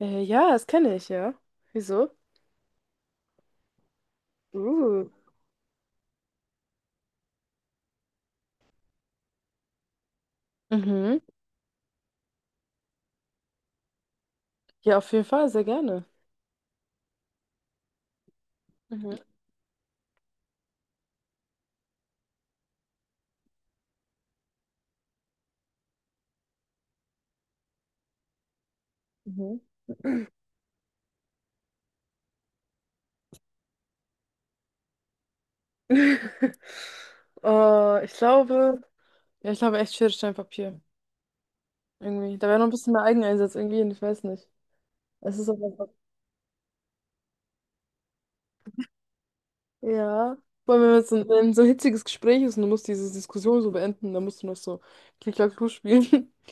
Ja, das kenne ich, ja. Wieso? Uh. Mhm. Ja, auf jeden Fall, sehr gerne. Mhm. Mhm. äh, ich glaube, ja, ich glaube echt Schere, Stein, Papier. Irgendwie. Da wäre noch ein bisschen mehr Eigeneinsatz irgendwie, hin, ich weiß nicht. Es ist aber einfach. Ja. Vor allem, wenn jetzt wenn so ein hitziges Gespräch ist und du musst diese Diskussion so beenden, dann musst du noch so Klick-Klack-Klu spielen.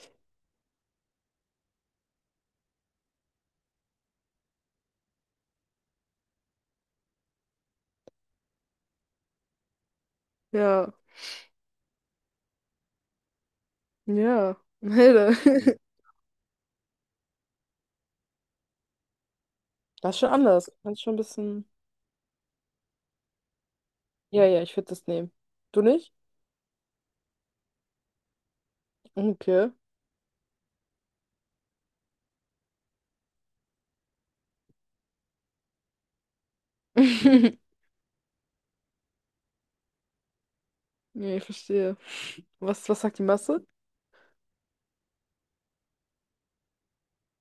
Ja. Ja. Alter. Das ist schon anders. Das ist schon ein bisschen. Ja, ja, ich würde das nehmen. Du nicht? Okay. Nee, ich verstehe. Was sagt die Masse?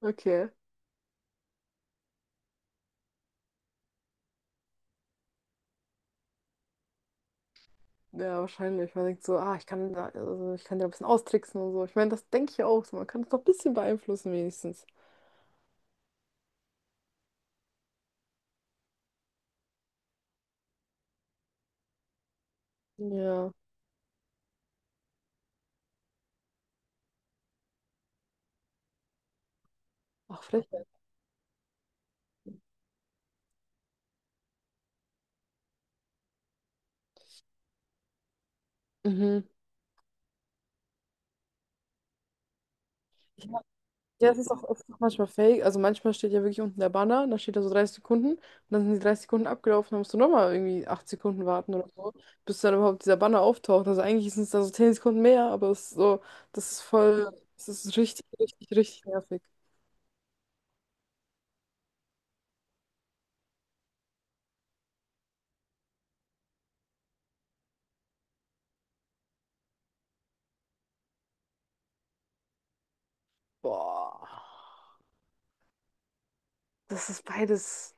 Okay. Ja, wahrscheinlich. Man denkt so, ah, also ich kann da ein bisschen austricksen und so. Ich meine, das denke ich ja auch so. Man kann es doch ein bisschen beeinflussen, wenigstens. Ja. Ach, Frechheit. Mhm. Ich mein, ja, es ist auch oft noch manchmal fake. Also manchmal steht ja wirklich unten der Banner, dann steht da so 30 Sekunden und dann sind die 30 Sekunden abgelaufen, dann musst du nochmal irgendwie 8 Sekunden warten oder so, bis dann überhaupt dieser Banner auftaucht. Also eigentlich sind es da so 10 Sekunden mehr, aber es ist so, das ist voll, das ist richtig, richtig, richtig nervig. Boah. Das ist beides.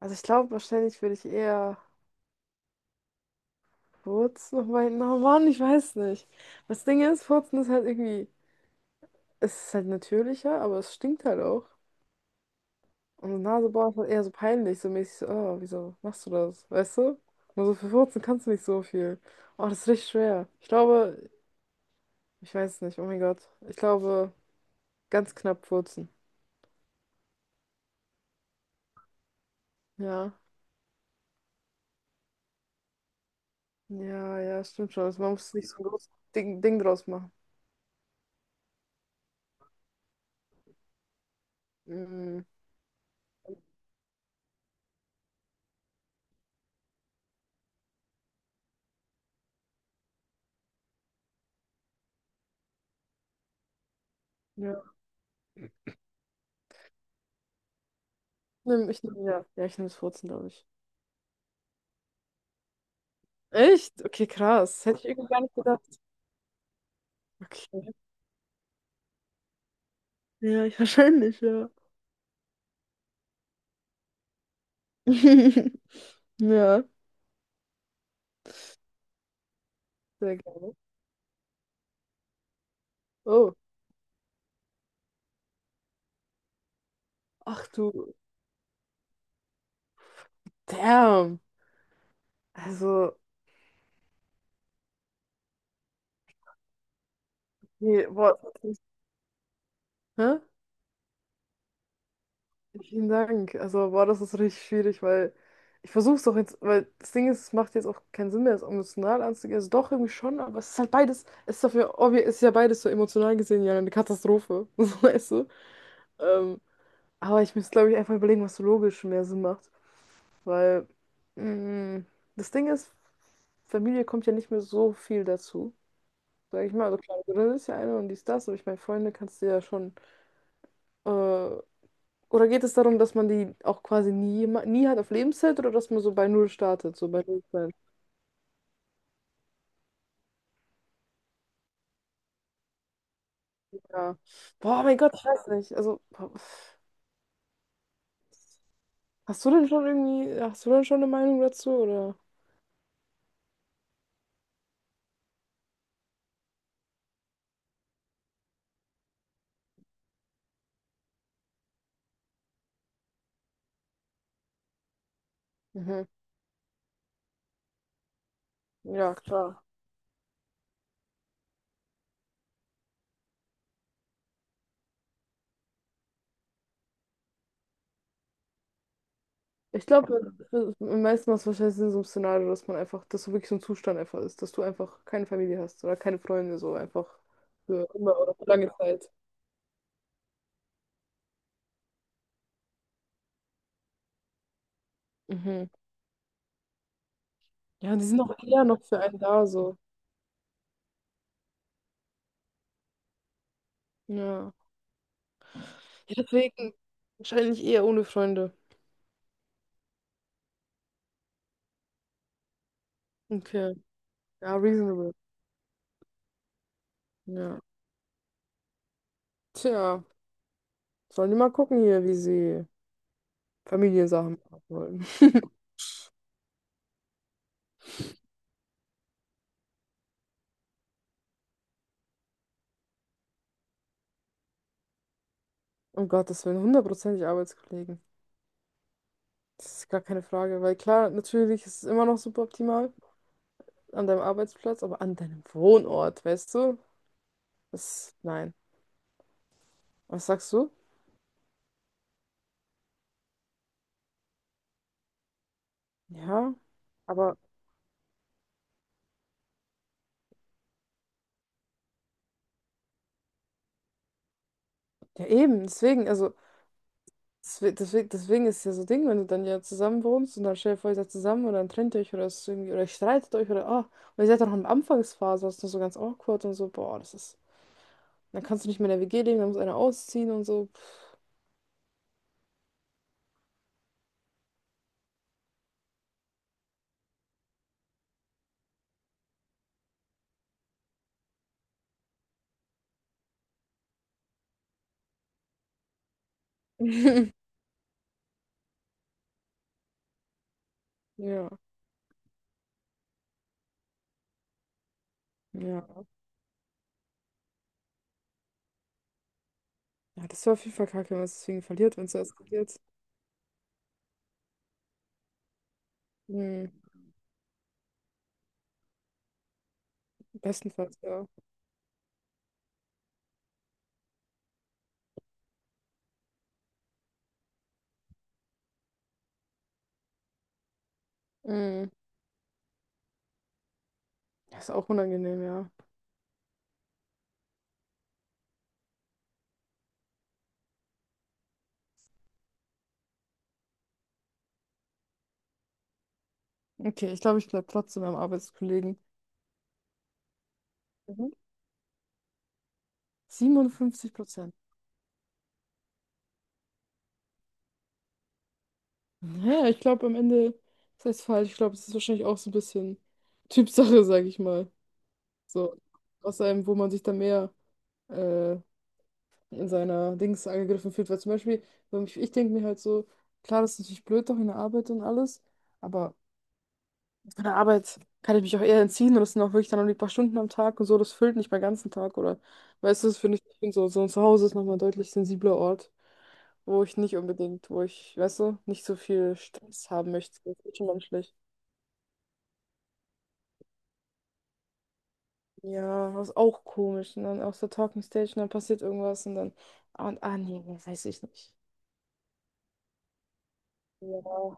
Also ich glaube, wahrscheinlich würde ich eher furzen, aber na Mann, ich weiß nicht. Das Ding ist, furzen ist halt irgendwie, es ist halt natürlicher, aber es stinkt halt auch. Und Nase boah, ist halt eher so peinlich, so mäßig so, oh, wieso machst du das, weißt du? Nur so für furzen kannst du nicht so viel. Oh, das ist richtig schwer. Ich glaube, ich weiß nicht, oh mein Gott. Ich glaube, ganz knapp furzen. Ja, ja, ja, stimmt schon. Also man muss nicht so ein großes Ding draus machen. Mhm. Ja. Ich nehme ja. Ja, ich nehme das vierzehn glaube ich. Echt? Okay, krass. Hätte ich irgendwie gar nicht gedacht. Okay. Ja, ich wahrscheinlich, ja. Ja, sehr gerne. Oh. Ach du. Damn. Also, nee, boah. Hä? Vielen Dank. Also, boah, das ist richtig schwierig, weil ich versuche es doch jetzt, weil das Ding ist, es macht jetzt auch keinen Sinn mehr, es emotional anzugehen. Also doch irgendwie schon, aber es ist halt beides, es ist dafür, es ist ja beides so emotional gesehen ja eine Katastrophe. So, weißt du? Ähm, Aber ich muss glaube ich, einfach überlegen, was so logisch mehr Sinn macht. Weil mh, das Ding ist, Familie kommt ja nicht mehr so viel dazu. Sag ich mal, also klar, Grill ist ja eine und dies, das, aber ich meine, Freunde kannst du ja schon. Äh, oder geht es darum, dass man die auch quasi nie hat auf Lebenszeit oder dass man so bei Null startet, so bei Null sein? Ja. Boah, mein Gott, ich weiß nicht. Also, hast du denn schon irgendwie, hast du denn schon eine Meinung dazu, oder? Mhm. Ja, klar. Ich glaube, am meisten macht es wahrscheinlich Sinn, so ein Szenario, dass man einfach, dass so wirklich so ein Zustand einfach ist, dass du einfach keine Familie hast oder keine Freunde, so einfach für immer oder für lange Zeit. Mhm. Ja, die sind auch eher noch für einen da, so. Ja. Ja, deswegen wahrscheinlich eher ohne Freunde. Okay. Ja, reasonable. Ja. Tja, sollen die mal gucken hier, wie sie Familiensachen machen wollen. Oh Gott, das wären hundertprozentig Arbeitskollegen. Das ist gar keine Frage, weil klar, natürlich ist es immer noch super optimal. An deinem Arbeitsplatz, aber an deinem Wohnort, weißt du? Das, nein. Was sagst du? Ja, aber ja eben, deswegen, also deswegen ist ja so Ding, wenn du dann ja zusammen wohnst und dann stellt ihr vor, ihr seid zusammen und dann trennt ihr euch oder es ist irgendwie, oder ihr streitet euch oder ah, und ihr seid dann noch in der Anfangsphase, das ist noch so ganz awkward und so, boah, das ist, dann kannst du nicht mehr in der WG leben, dann muss einer ausziehen und so. Ja, ja. Ja, das wäre auf jeden Fall kacke, wenn man es deswegen verliert, wenn es so eskaliert. Hm, bestenfalls, ja. Hm, Das ist auch unangenehm, ja. Okay, ich glaube, ich bleibe trotzdem beim Arbeitskollegen. Mhm. 57%. Naja, ich glaube am Ende, das heißt falsch, ich glaube, es ist wahrscheinlich auch so ein bisschen Typsache, sage ich mal. So, aus einem, wo man sich dann mehr äh, in seiner Dings angegriffen fühlt. Weil zum Beispiel, wenn ich, denke mir halt so, klar, das ist natürlich blöd doch in der Arbeit und alles, aber von der Arbeit kann ich mich auch eher entziehen und das sind auch wirklich dann noch die paar Stunden am Tag und so, das füllt nicht meinen ganzen Tag oder, weißt du, das finde ich, ich find so, so ein Zuhause ist nochmal ein deutlich sensibler Ort. Wo ich, weißt du, nicht so viel Stress haben möchte. Das ist schon menschlich. Ja, das ist auch komisch. Und dann aus der Talking Stage und dann passiert irgendwas und dann, ah, und, ah nee, das weiß ich nicht. Ja,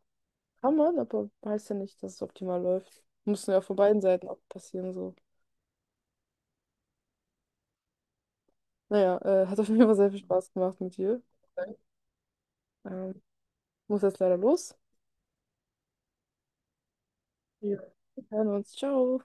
kann man, aber heißt ja nicht, dass es optimal läuft. Muss ja von beiden Seiten auch passieren, so. Naja, hat auf jeden Fall sehr viel Spaß gemacht mit dir. Ähm, Muss jetzt leider los. Ja. Wir hören uns. Ciao.